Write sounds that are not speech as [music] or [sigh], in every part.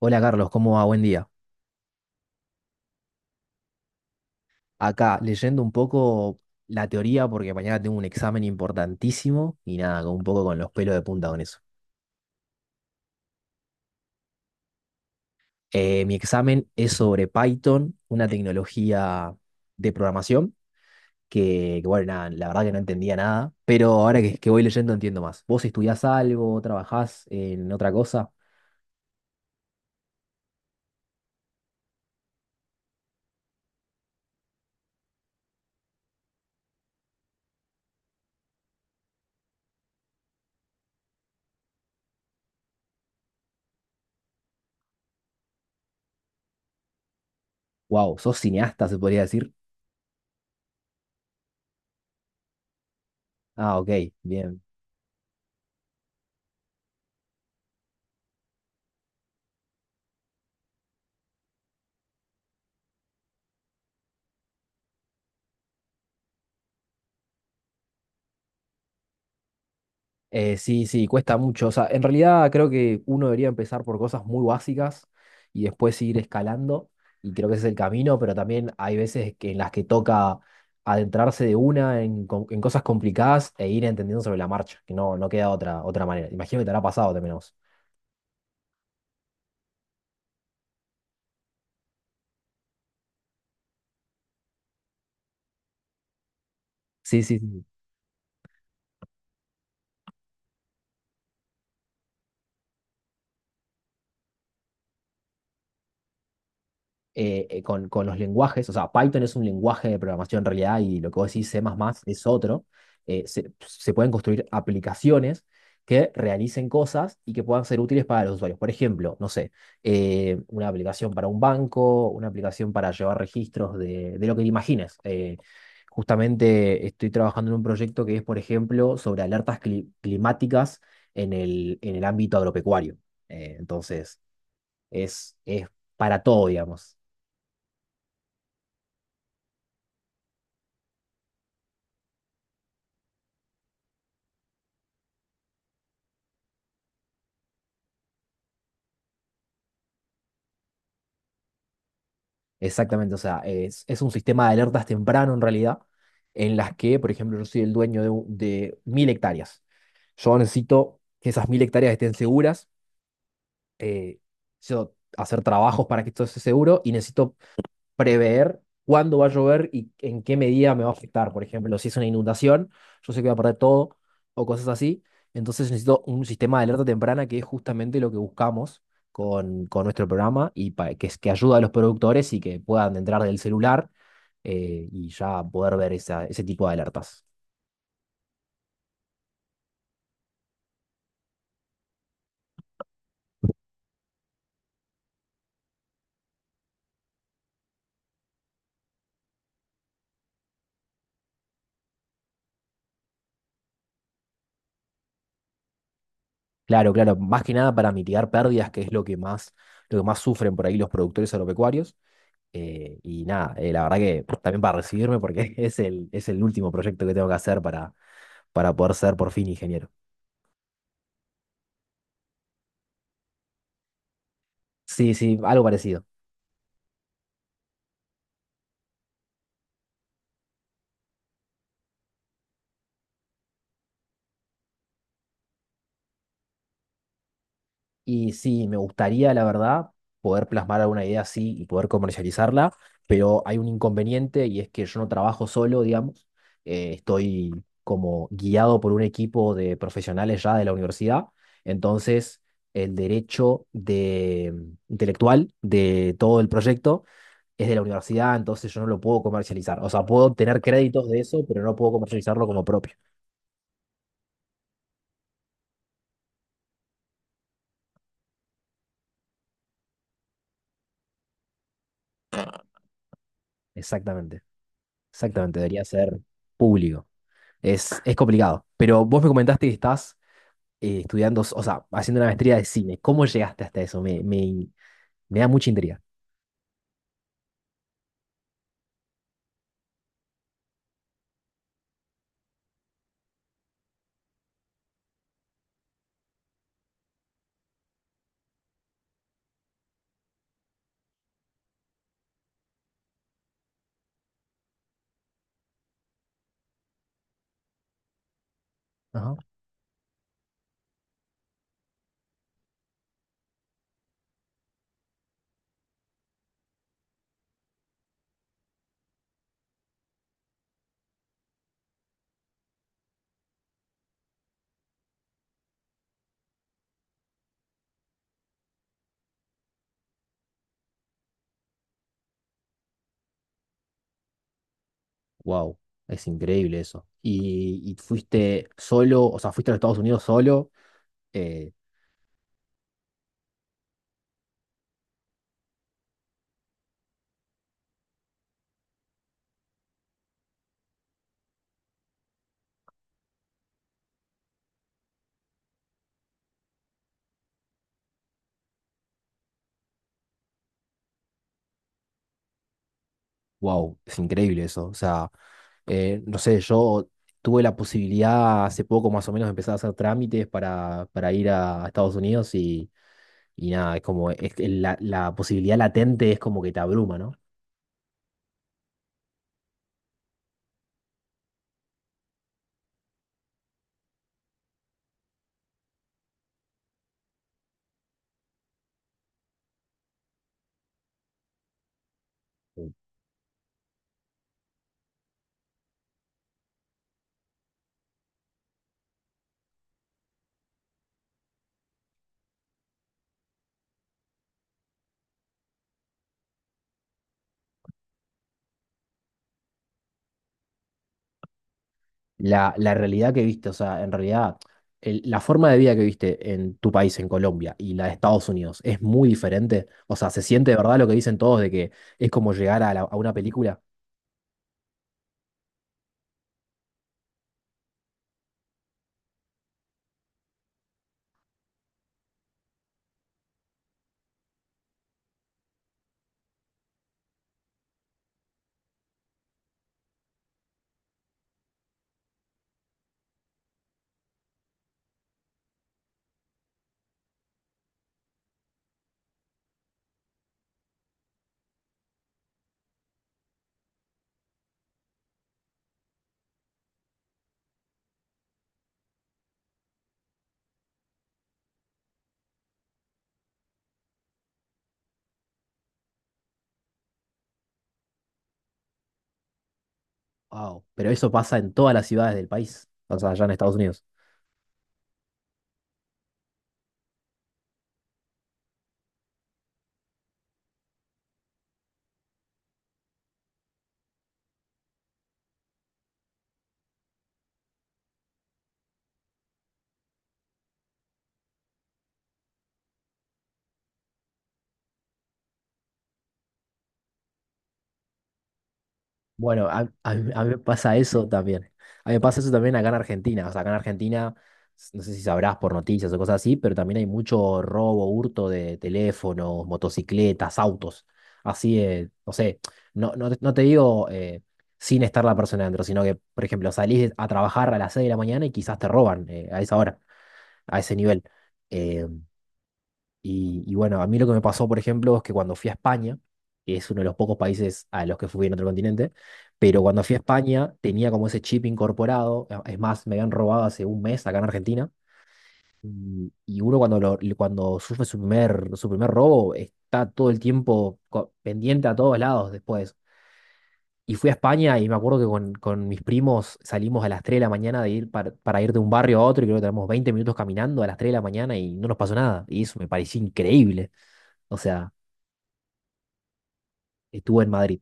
Hola Carlos, ¿cómo va? Buen día. Acá leyendo un poco la teoría porque mañana tengo un examen importantísimo y nada, un poco con los pelos de punta con eso. Mi examen es sobre Python, una tecnología de programación que, bueno, nada, la verdad que no entendía nada, pero ahora que voy leyendo entiendo más. ¿Vos estudiás algo, trabajás en otra cosa? Wow, ¿sos cineasta, se podría decir? Ah, ok, bien. Sí, sí, cuesta mucho. O sea, en realidad creo que uno debería empezar por cosas muy básicas y después ir escalando. Y creo que ese es el camino, pero también hay veces en las que toca adentrarse de una en cosas complicadas e ir entendiendo sobre la marcha, que no, no queda otra manera. Imagino que te habrá pasado también a vos. Sí, sí, sí. Con los lenguajes, o sea, Python es un lenguaje de programación en realidad y lo que vos decís C++ más es otro, se pueden construir aplicaciones que realicen cosas y que puedan ser útiles para los usuarios. Por ejemplo, no sé, una aplicación para un banco, una aplicación para llevar registros de lo que te imagines. Justamente estoy trabajando en un proyecto que es, por ejemplo, sobre alertas climáticas en el ámbito agropecuario. Entonces, es para todo, digamos. Exactamente, o sea, es un sistema de alertas temprano en realidad, en las que, por ejemplo, yo soy el dueño de 1.000 hectáreas. Yo necesito que esas 1.000 hectáreas estén seguras, eh, necesito hacer trabajos para que esto esté seguro y necesito prever cuándo va a llover y en qué medida me va a afectar. Por ejemplo, si es una inundación, yo sé que voy a perder todo o cosas así. Entonces necesito un sistema de alerta temprana que es justamente lo que buscamos con nuestro programa y que ayuda a los productores y que puedan entrar del celular y ya poder ver ese tipo de alertas. Claro, claro, más que nada para mitigar pérdidas, que es lo que más sufren por ahí los productores agropecuarios. Y nada, la verdad que también para recibirme, porque [laughs] es el último proyecto que tengo que hacer para poder ser por fin ingeniero. Sí, sí, algo parecido. Y sí, me gustaría, la verdad, poder plasmar alguna idea así y poder comercializarla, pero hay un inconveniente y es que yo no trabajo solo, digamos. Estoy como guiado por un equipo de profesionales ya de la universidad. Entonces, el derecho intelectual de todo el proyecto es de la universidad, entonces yo no lo puedo comercializar. O sea, puedo tener créditos de eso, pero no puedo comercializarlo como propio. Exactamente, exactamente, debería ser público. Es complicado. Pero vos me comentaste que estás estudiando, o sea, haciendo una maestría de cine. ¿Cómo llegaste hasta eso? Me da mucha intriga. Ajá. Wow, es increíble eso. ¿Y fuiste solo, o sea, fuiste a los Estados Unidos solo? Eh, Wow, es increíble eso. O sea, no sé, yo tuve la posibilidad hace poco más o menos de empezar a hacer trámites para ir a Estados Unidos y nada, es como es que la posibilidad latente es como que te abruma, ¿no? Sí. La realidad que viste, o sea, en realidad, la forma de vida que viste en tu país, en Colombia, y la de Estados Unidos es muy diferente. O sea, se siente de verdad lo que dicen todos de que es como llegar a una película. Wow, pero eso pasa en todas las ciudades del país, o sea, allá en Estados Unidos. Bueno, a mí me pasa eso también. A mí me pasa eso también acá en Argentina. O sea, acá en Argentina, no sé si sabrás por noticias o cosas así, pero también hay mucho robo, hurto de teléfonos, motocicletas, autos. Así, no sé, no te digo sin estar la persona dentro, sino que, por ejemplo, salís a trabajar a las 6 de la mañana y quizás te roban a esa hora, a ese nivel. Eh, y bueno, a mí lo que me pasó, por ejemplo, es que cuando fui a España, que es uno de los pocos países a los que fui en otro continente, pero cuando fui a España tenía como ese chip incorporado, es más, me habían robado hace un mes acá en Argentina, y uno cuando sufre su primer robo está todo el tiempo pendiente a todos lados después. Y fui a España y me acuerdo que con mis primos salimos a las 3 de la mañana de ir para ir de un barrio a otro y creo que tenemos 20 minutos caminando a las 3 de la mañana y no nos pasó nada. Y eso me pareció increíble. O sea, estuvo en Madrid.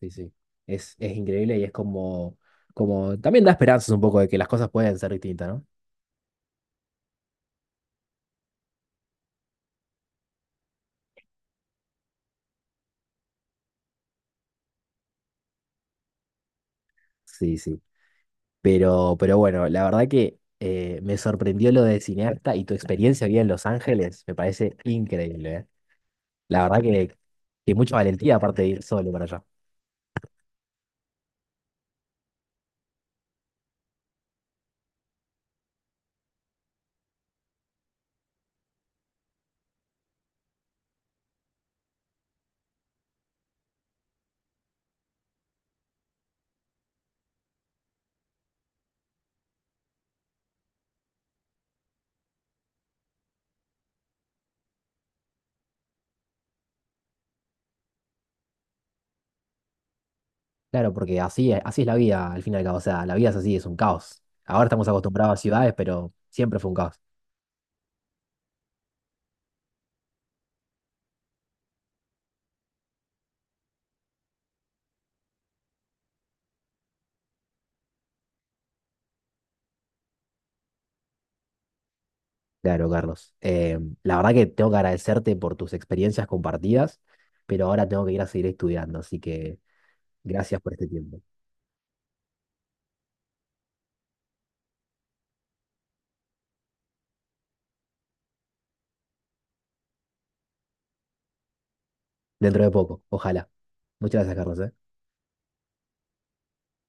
Sí, sí. Es increíble y es como, también da esperanzas un poco de que las cosas pueden ser distintas, ¿no? Sí, sí. Pero bueno, la verdad que me sorprendió lo de cineasta y tu experiencia aquí en Los Ángeles me parece increíble, ¿eh? La verdad que mucha valentía aparte de ir solo para allá. Claro, porque así es la vida al fin y al cabo. O sea, la vida es así, es un caos. Ahora estamos acostumbrados a ciudades, pero siempre fue un caos. Claro, Carlos. La verdad que tengo que agradecerte por tus experiencias compartidas, pero ahora tengo que ir a seguir estudiando, así que gracias por este tiempo. Dentro de poco, ojalá. Muchas gracias, Carlos, ¿eh?